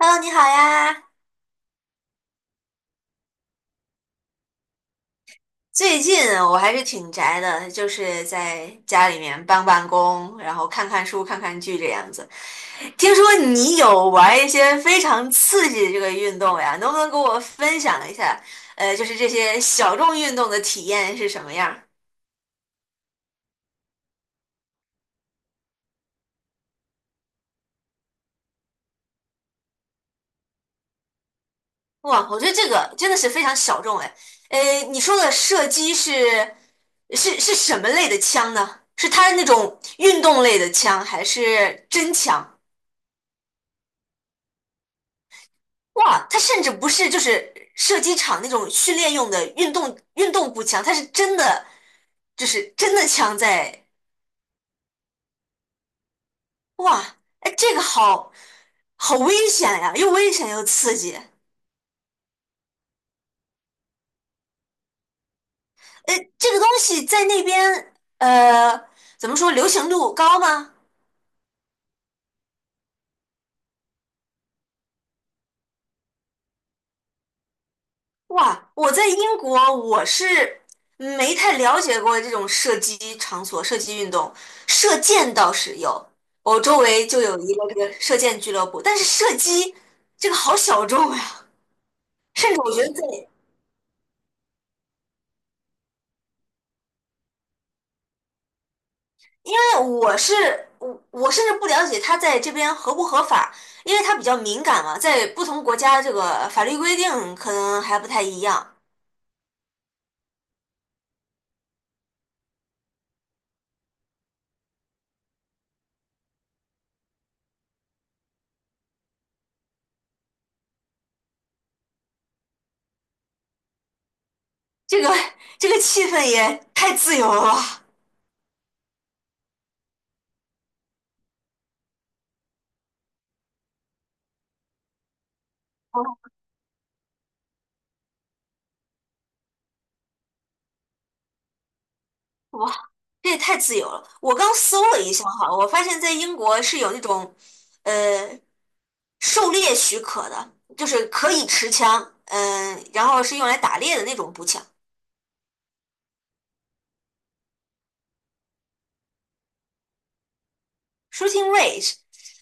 Hello，你好呀！最近我还是挺宅的，就是在家里面办公，然后看看书、看看剧这样子。听说你有玩一些非常刺激的这个运动呀，能不能给我分享一下？就是这些小众运动的体验是什么样儿？哇，我觉得这个真的是非常小众哎。你说的射击是什么类的枪呢？是它那种运动类的枪，还是真枪？哇，它甚至不是就是射击场那种训练用的运动步枪，它是真的就是真的枪在，哇，哎，这个好危险呀，又危险又刺激。哎，这个东西在那边怎么说流行度高吗？哇，我在英国，我是没太了解过这种射击场所、射击运动，射箭倒是有，我周围就有一个这个射箭俱乐部，但是射击这个好小众呀，甚至我觉得在，因为我是我我甚至不了解它在这边合不合法，因为它比较敏感嘛，在不同国家这个法律规定可能还不太一样，这个 这个气氛也太自由了吧。哇，这也太自由了！我刚搜了一下哈，我发现在英国是有那种，呃，狩猎许可的，就是可以持枪，然后是用来打猎的那种步枪 （shooting range）。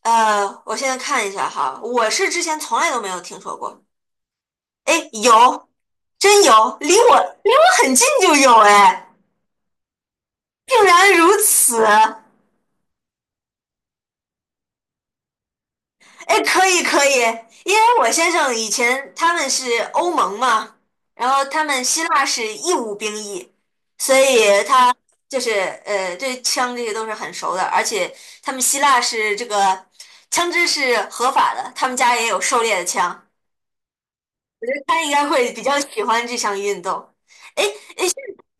我现在看一下哈，我是之前从来都没有听说过。哎，有，真有，离我离我很近就有哎，竟然如此！哎，可以可以，因为我先生以前他们是欧盟嘛，然后他们希腊是义务兵役，所以他就是对枪这些都是很熟的，而且他们希腊是这个枪支是合法的，他们家也有狩猎的枪，我觉得他应该会比较喜欢这项运动。哎哎，诶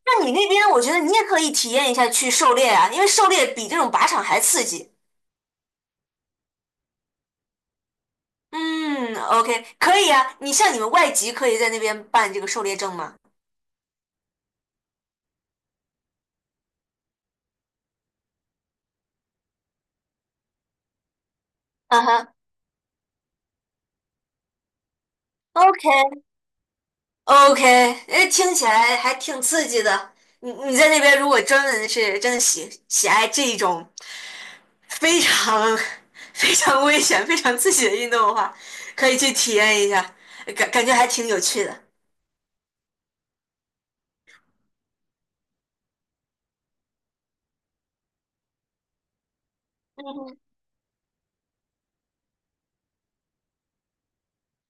那你那边我觉得你也可以体验一下去狩猎啊，因为狩猎比这种靶场还刺激。嗯，OK，可以啊。你像你们外籍可以在那边办这个狩猎证吗？嗯哼，OK，OK，哎，听起来还挺刺激的。你你在那边如果专门是真的喜爱这一种非常 非常危险、非常刺激的运动的话，可以去体验一下，感觉还挺有趣的。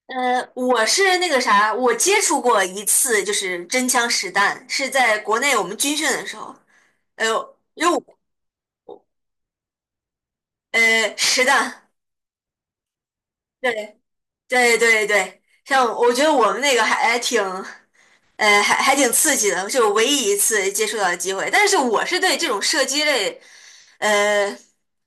我是那个啥，我接触过一次，就是真枪实弹，是在国内我们军训的时候，哎呦，因为我实弹，对对对对，像我觉得我们那个还哎挺，还挺刺激的，是我唯一一次接触到的机会。但是我是对这种射击类，呃，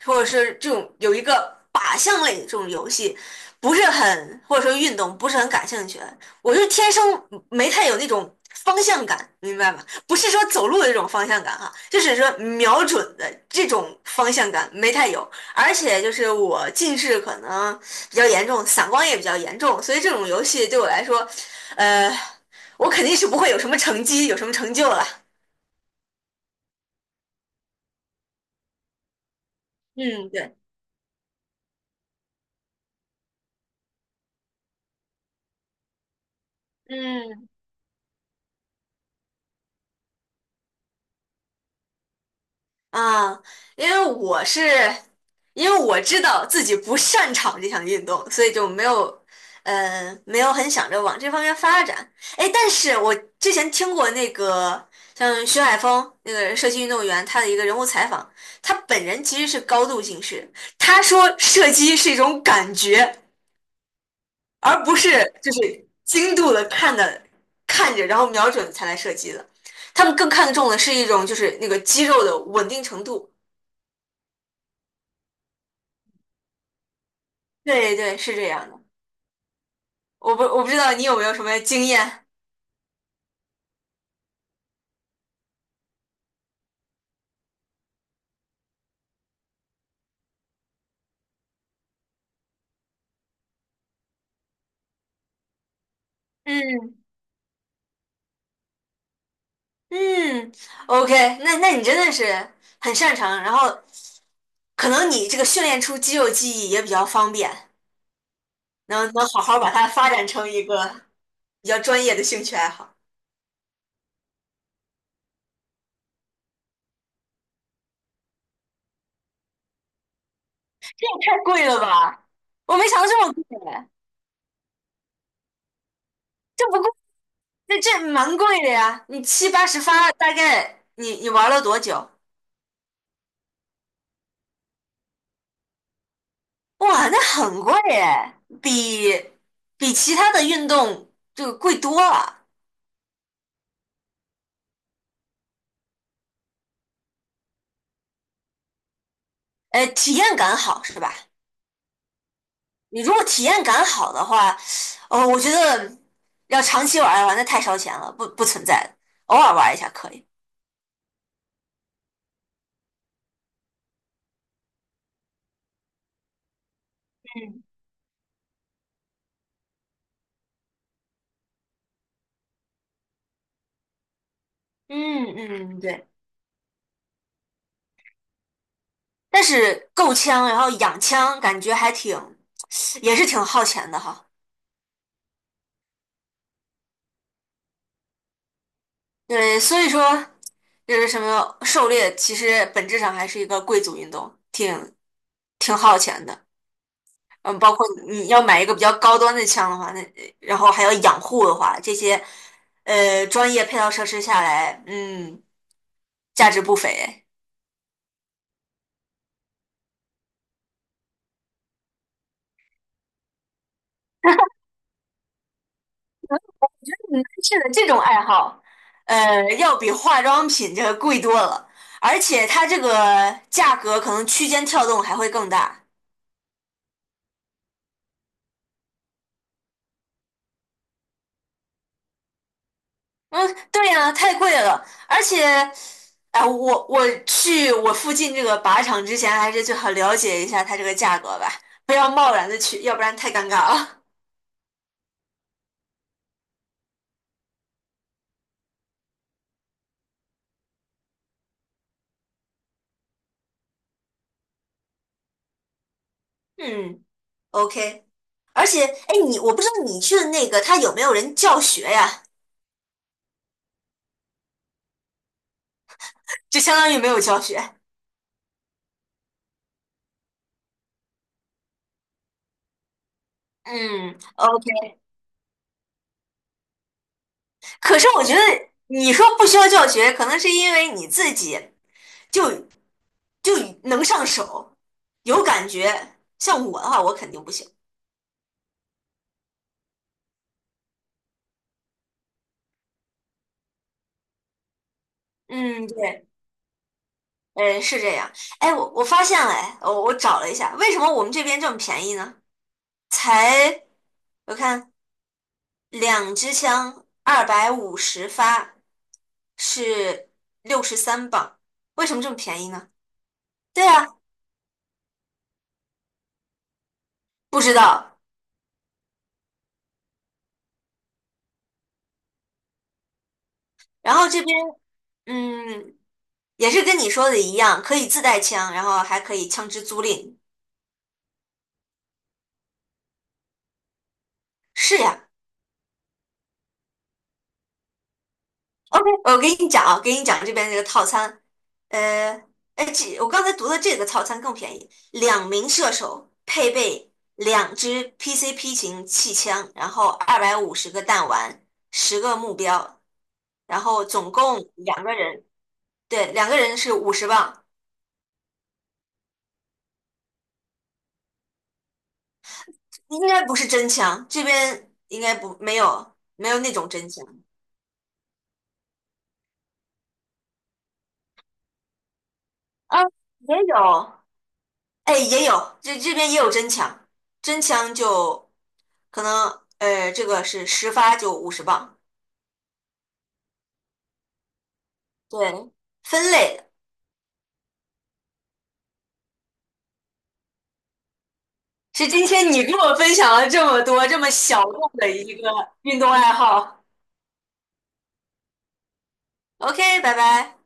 或者是这种有一个靶向类的这种游戏，不是很或者说运动不是很感兴趣。我就天生没太有那种方向感，明白吗？不是说走路的这种方向感哈，就是说瞄准的这种方向感没太有。而且就是我近视可能比较严重，散光也比较严重，所以这种游戏对我来说，呃。我肯定是不会有什么成绩，有什么成就了。嗯，对，嗯啊，因为我是，因为我知道自己不擅长这项运动，所以就没有，没有很想着往这方面发展。哎，但是我之前听过那个像徐海峰那个射击运动员他的一个人物采访，他本人其实是高度近视，他说射击是一种感觉，而不是就是精度的看着，然后瞄准才来射击的。他们更看重的是一种就是那个肌肉的稳定程度。对对，是这样的。我不知道你有没有什么经验。嗯嗯，OK，那你真的是很擅长，然后可能你这个训练出肌肉记忆也比较方便，能好好把它发展成一个比较专业的兴趣爱好。这也太贵了吧！我没想到这么贵，这不贵那这蛮贵的呀，你七八十发，大概你玩了多久？哇，那很贵哎，比其他的运动这个贵多了。体验感好是吧？你如果体验感好的话，哦，我觉得要长期玩的话，那太烧钱了，不存在的，偶尔玩一下可以。嗯嗯嗯，对。但是够枪，然后养枪，感觉还挺，也是挺耗钱的哈。对，所以说就是什么狩猎，其实本质上还是一个贵族运动，挺耗钱的。嗯，包括你要买一个比较高端的枪的话，那然后还要养护的话，这些专业配套设施下来，嗯，价值不菲。男士的这种爱好，要比化妆品这个贵多了，而且它这个价格可能区间跳动还会更大。嗯，对呀，太贵了，而且，哎、我去我附近这个靶场之前，还是最好了解一下它这个价格吧，不要贸然的去，要不然太尴尬了。嗯？OK，而且，哎，你我不知道你去的那个他有没有人教学呀？就相当于没有教学。嗯，OK。可是我觉得你说不需要教学，可能是因为你自己就就能上手，有感觉。像我的话，我肯定不行。嗯，对。嗯，是这样。哎，我发现了，哎，我找了一下，为什么我们这边这么便宜呢？才我看两支枪250发是63磅，为什么这么便宜呢？对啊，不知道。然后这边嗯，也是跟你说的一样，可以自带枪，然后还可以枪支租赁。是呀，OK，我跟你讲啊，给你讲这边这个套餐，呃，哎，这我刚才读的这个套餐更便宜，两名射手配备两支 PCP 型气枪，然后250个弹丸，10个目标，然后总共两个人，对，两个人是五十磅，应该不是真枪，这边应该不没有没有那种真枪啊，也有哎，也有，这边也有真枪，真枪就可能，这个是十发就五十磅，对，分类的。是今天你跟我分享了这么多，这么小众的一个运动爱好。OK，拜拜。